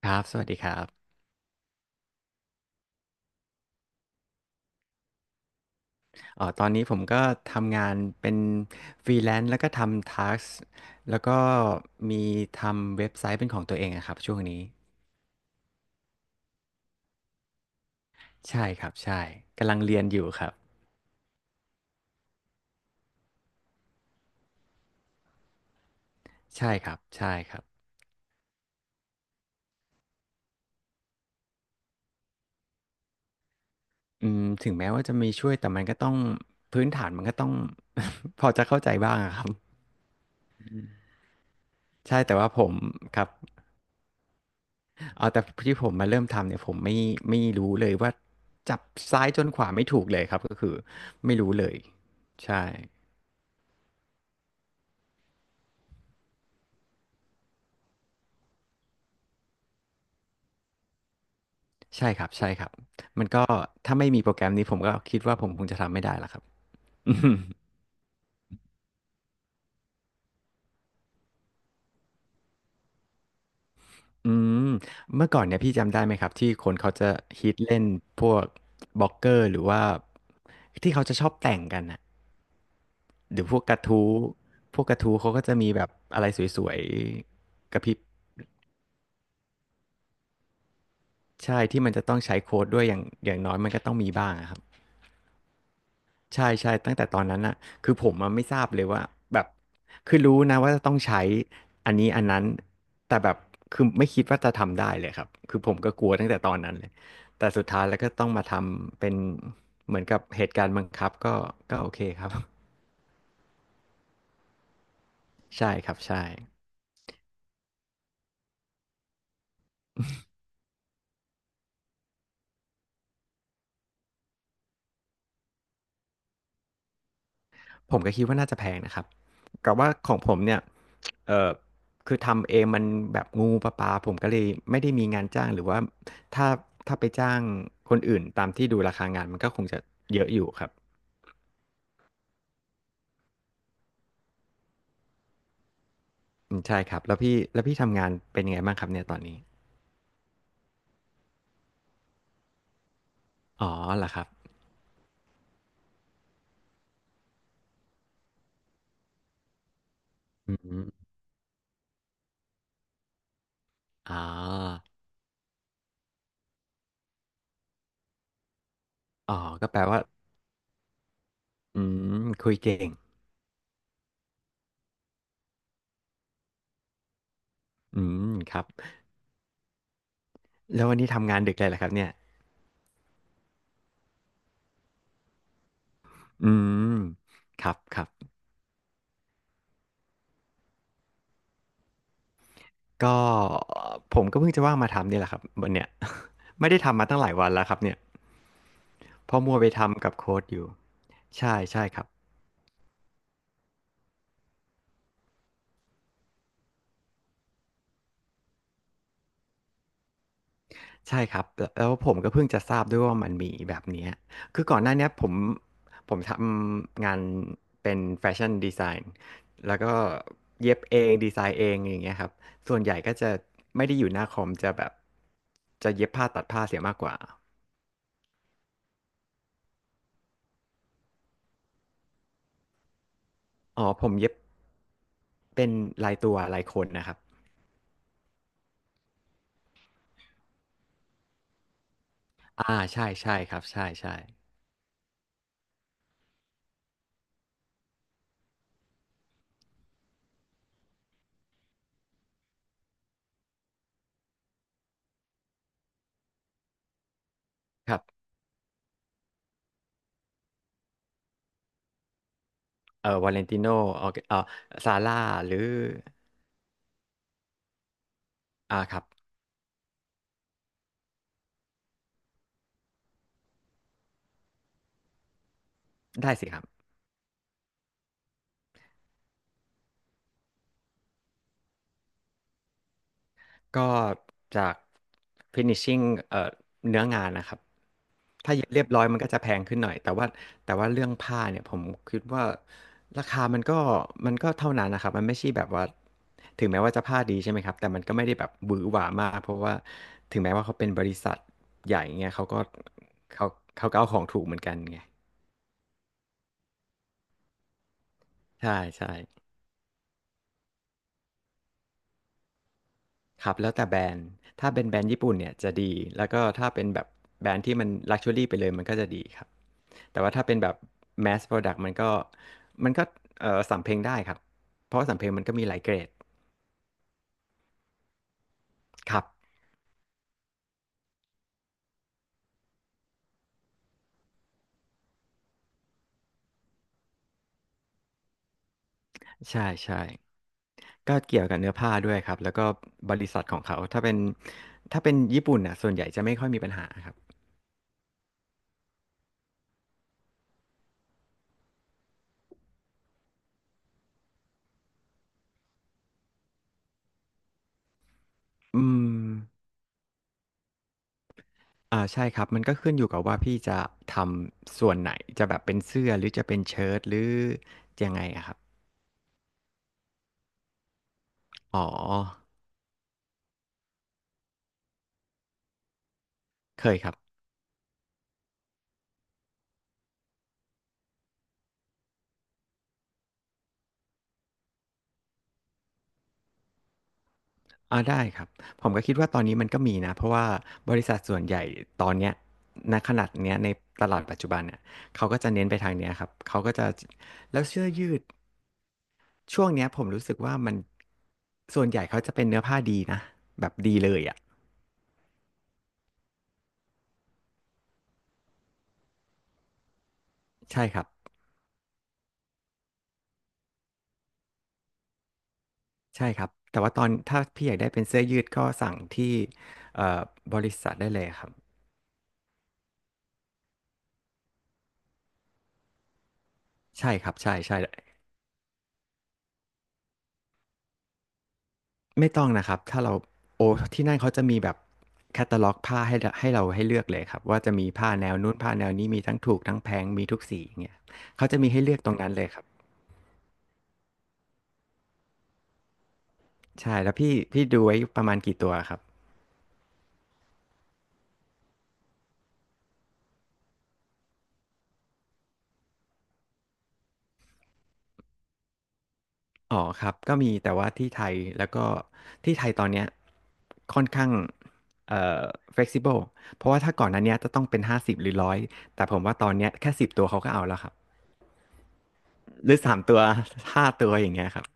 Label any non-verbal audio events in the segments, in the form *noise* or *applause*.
ครับสวัสดีครับเอ๋อตอนนี้ผมก็ทำงานเป็นฟรีแลนซ์แล้วก็ทำทาสแล้วก็มีทำเว็บไซต์เป็นของตัวเองนะครับช่วงนี้ใช่ครับใช่กำลังเรียนอยู่ครับใช่ครับใช่ครับอืมถึงแม้ว่าจะมีช่วยแต่มันก็ต้องพื้นฐานมันก็ต้อง *laughs* พอจะเข้าใจบ้างอะครับใช่แต่ว่าผมครับเอาแต่ที่ผมมาเริ่มทำเนี่ยผมไม่รู้เลยว่าจับซ้ายจนขวาไม่ถูกเลยครับก็คือไม่รู้เลยใช่ ใช่ครับใช่ครับมันก็ถ้าไม่มีโปรแกรมนี้ผมก็คิดว่าผมคงจะทำไม่ได้ละครับ *laughs* อืมอืมเมื่อก่อนเนี่ยพี่จำได้ไหมครับที่คนเขาจะฮิตเล่นพวกบล็อกเกอร์หรือว่าที่เขาจะชอบแต่งกันน่ะหรือพวกกระทู้พวกกระทู้เขาก็จะมีแบบอะไรสวยๆกระพริบใช่ที่มันจะต้องใช้โค้ดด้วยอย่างน้อยมันก็ต้องมีบ้างอะครับ ใช่ใช่ตั้งแต่ตอนนั้นน่ะคือผมอะไม่ทราบเลยว่าแบบคือรู้นะว่าจะต้องใช้อันนี้อันนั้นแต่แบบคือไม่คิดว่าจะทำได้เลยครับคือผมก็กลัวตั้งแต่ตอนนั้นเลยแต่สุดท้ายแล้วก็ต้องมาทำเป็นเหมือนกับเหตุการณ์บังคับก็ก็โอเคครับ *laughs* ใช่ครับใช่ ผมก็คิดว่าน่าจะแพงนะครับกับว่าของผมเนี่ยเออคือทำเองมันแบบงูปลาปลาผมก็เลยไม่ได้มีงานจ้างหรือว่าถ้าถ้าไปจ้างคนอื่นตามที่ดูราคางานมันก็คงจะเยอะอยู่ครับอืมใช่ครับ แล้วพี่ทำงานเป็นยังไงบ้างครับเนี่ยตอนนี้อ๋อเหรอครับอืมอ๋ออ๋อก็แปลว่าอืมคุยเก่งอืมครับ แล้ววันนี้ทำงานดึกเลยเหรอครับเนี่ยอืมครับครับ ก็ผมก็เพิ่งจะว่างมาทำนี่แหละครับวันเนี้ย *laughs* ไม่ได้ทำมาตั้งหลายวันแล้วครับเนี่ยเพอมัวไปทำกับโค้ดอยู่ใช่ใช่ครับใช่ครับแล้วผมก็เพิ่งจะทราบด้วยว่ามันมีแบบเนี้ยคือก่อนหน้าเนี้ยผมทำงานเป็นแฟชั่นดีไซน์แล้วก็เย็บเองดีไซน์เองอย่างเงี้ยครับส่วนใหญ่ก็จะไม่ได้อยู่หน้าคอมจะแบบจะเย็บผ้าตัดผ้าเสียมากกว่าอ๋อผมเย็บเป็นลายตัวลายคนนะครับ อ่าใช่ใช่ครับใช่ใช่ครับวาเลนติโนออซาร่าหรืออ่าครับได้สิครับก็จาก finishing เอ่อเนื้องานนะครับถ้าเย็บเรียบร้อยมันก็จะแพงขึ้นหน่อยแต่ว่าเรื่องผ้าเนี่ยผมคิดว่าราคามันก็เท่านั้นนะครับมันไม่ใช่แบบว่าถึงแม้ว่าจะผ้าดีใช่ไหมครับแต่มันก็ไม่ได้แบบหวือหวามากเพราะว่าถึงแม้ว่าเขาเป็นบริษัทใหญ่เงี้ยเขาก็เขาเขาก็เอาของถูกเหมือนกันไงใช่ใช่ ครับแล้วแต่แบรนด์ถ้าเป็นแบรนด์ญี่ปุ่นเนี่ยจะดีแล้วก็ถ้าเป็นแบบแบรนด์ที่มัน Luxury ไปเลยมันก็จะดีครับแต่ว่าถ้าเป็นแบบ Mass Product มันก็มันก็สำเพ็งได้ครับเพราะว่าสำเพ็งมันก็มีหลายเกรดครับใช่ๆก็เกี่ยวกับเนื้อผ้าด้วยครับแล้วก็บริษัทของเขาถ้าเป็นญี่ปุ่นน่ะส่วนใหญ่จะไม่ค่อยมีปัญหาครับอืมอ่าใช่ครับมันก็ขึ้นอยู่กับว่าพี่จะทำส่วนไหนจะแบบเป็นเสื้อหรือจะเป็นเชิ้ตหรือยังไงอะครับอ๋อ เคยครับอาได้ครับผมก็คิดว่าตอนนี้มันก็มีนะเพราะว่าบริษัทส่วนใหญ่ตอนเนี้ยณขนาดเนี้ยในตลาดปัจจุบันเนี่ยเขาก็จะเน้นไปทางเนี้ยครับเขาก็จะแล้วเสื้อยืดช่วงเนี้ยผมรู้สึกว่ามันส่วนใหญ่เขาจะเป็นเนื้อผ้าดีนะแบบดีเลยอะใช่ครับใช่ครับแต่ว่าตอนถ้าพี่อยากได้เป็นเสื้อยืดก็สั่งที่เอ่อบริษัทได้เลยครับใช่ครับใช่ๆ ไม่ต้องนะครับถ้าเราโอ้ที่นั่นเขาจะมีแบบแคตตาล็อกผ้าให้เราให้เลือกเลยครับว่าจะมีผ้าแนวนู้นผ้าแนวนี้มีทั้งถูกทั้งแพงมีทุกสีอย่างเงี้ยเขาจะมีให้เลือกตรงนั้นเลยครับใช่แล้วพี่ดูไว้ประมาณกี่ตัวครับอ๋อครับก็มีแต่ว่าที่ไทยแล้วก็ที่ไทยตอนเนี้ยค่อนข้างเอ่อ flexible เพราะว่าถ้าก่อนหนั้นเนี้ยจะต้องเป็นห้าสิบหรือร้อยแต่ผมว่าตอนเนี้ยแค่สิบตัวเขาก็เอาแล้วครับหรือสามตัวห้าตัวอย่างเงี้ยครับ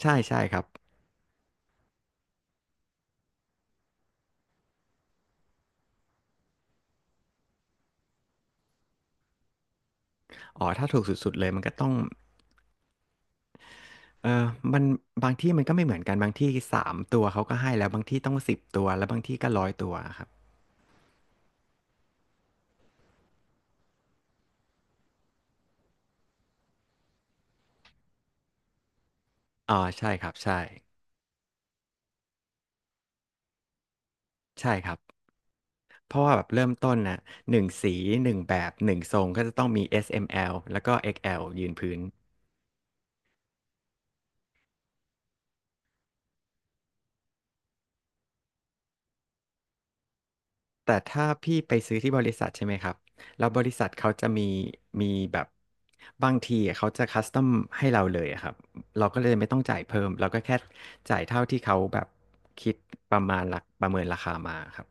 ใช่ครับ อ๋อถ้าถูกสุดๆเลยมันก็ต้องเออมันบางที่มันก็ไม่เหมือนกันบางที่3ตัวเขาก็ให้แล้วบางที่ต้อง10ตัวแล้วบางที่ก็100ตัวอะครับอ๋อใช่ครับ ใช่ ใช่ครับ เพราะว่าแบบเริ่มต้นน่ะ1สี1แบบ1ทรงก็จะต้องมี S M L แล้วก็ XL ยืนพื้น แต่ถ้าพี่ไปซื้อที่บริษัทใช่ไหมครับแล้วบริษัทเขาจะมีแบบบางทีเขาจะคัสตอมให้เราเลยอะครับ เราก็เลยไม่ต้องจ่ายเพิ่มเราก็แค่จ่ายเท่าที่เขาแบบคิดประมาณราประเมินราคามาครับ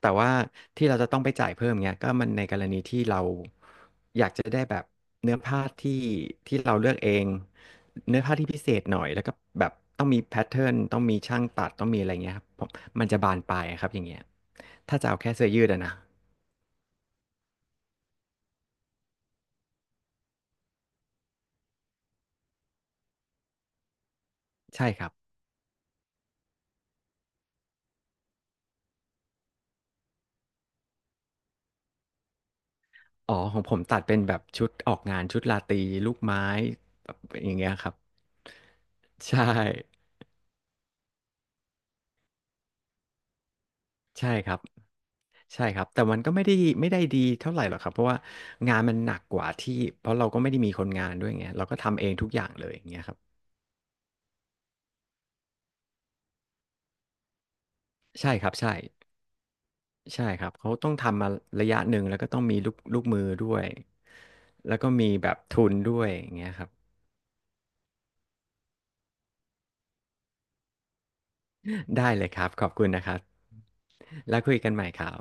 แต่ว่าที่เราจะต้องไปจ่ายเพิ่มเงี้ยก็มันในกรณีที่เราอยากจะได้แบบเนื้อผ้าที่เราเลือกเองเนื้อผ้าที่พิเศษหน่อยแล้วก็แบบต้องมีแพทเทิร์นต้องมีช่างตัดต้องมีอะไรเงี้ยครับผมมันจะบานปลายครับอย่างเงี้ยถ้าจะเอาแค่เสื้อยืดอะนะใช่ครับอ๋อของผมตัดเป็นแบบชุดออกงานชุดราตรีลูกไม้แบบอย่างเงี้ยครับใช่ใช่ครับ ใช่ครับแต่มันก็ไม่ได้ดีเท่าไหร่หรอกครับเพราะว่างานมันหนักกว่าที่เพราะเราก็ไม่ได้มีคนงานด้วยไงเราก็ทำเองทุกอย่างเลยอย่างเงี้ยครับใช่ครับใช่ใช่ครับเขาต้องทำมาระยะหนึ่งแล้วก็ต้องมีลูกมือด้วยแล้วก็มีแบบทุนด้วยอย่างเงี้ยครับได้เลยครับขอบคุณนะครับแล้วคุยกันใหม่ครับ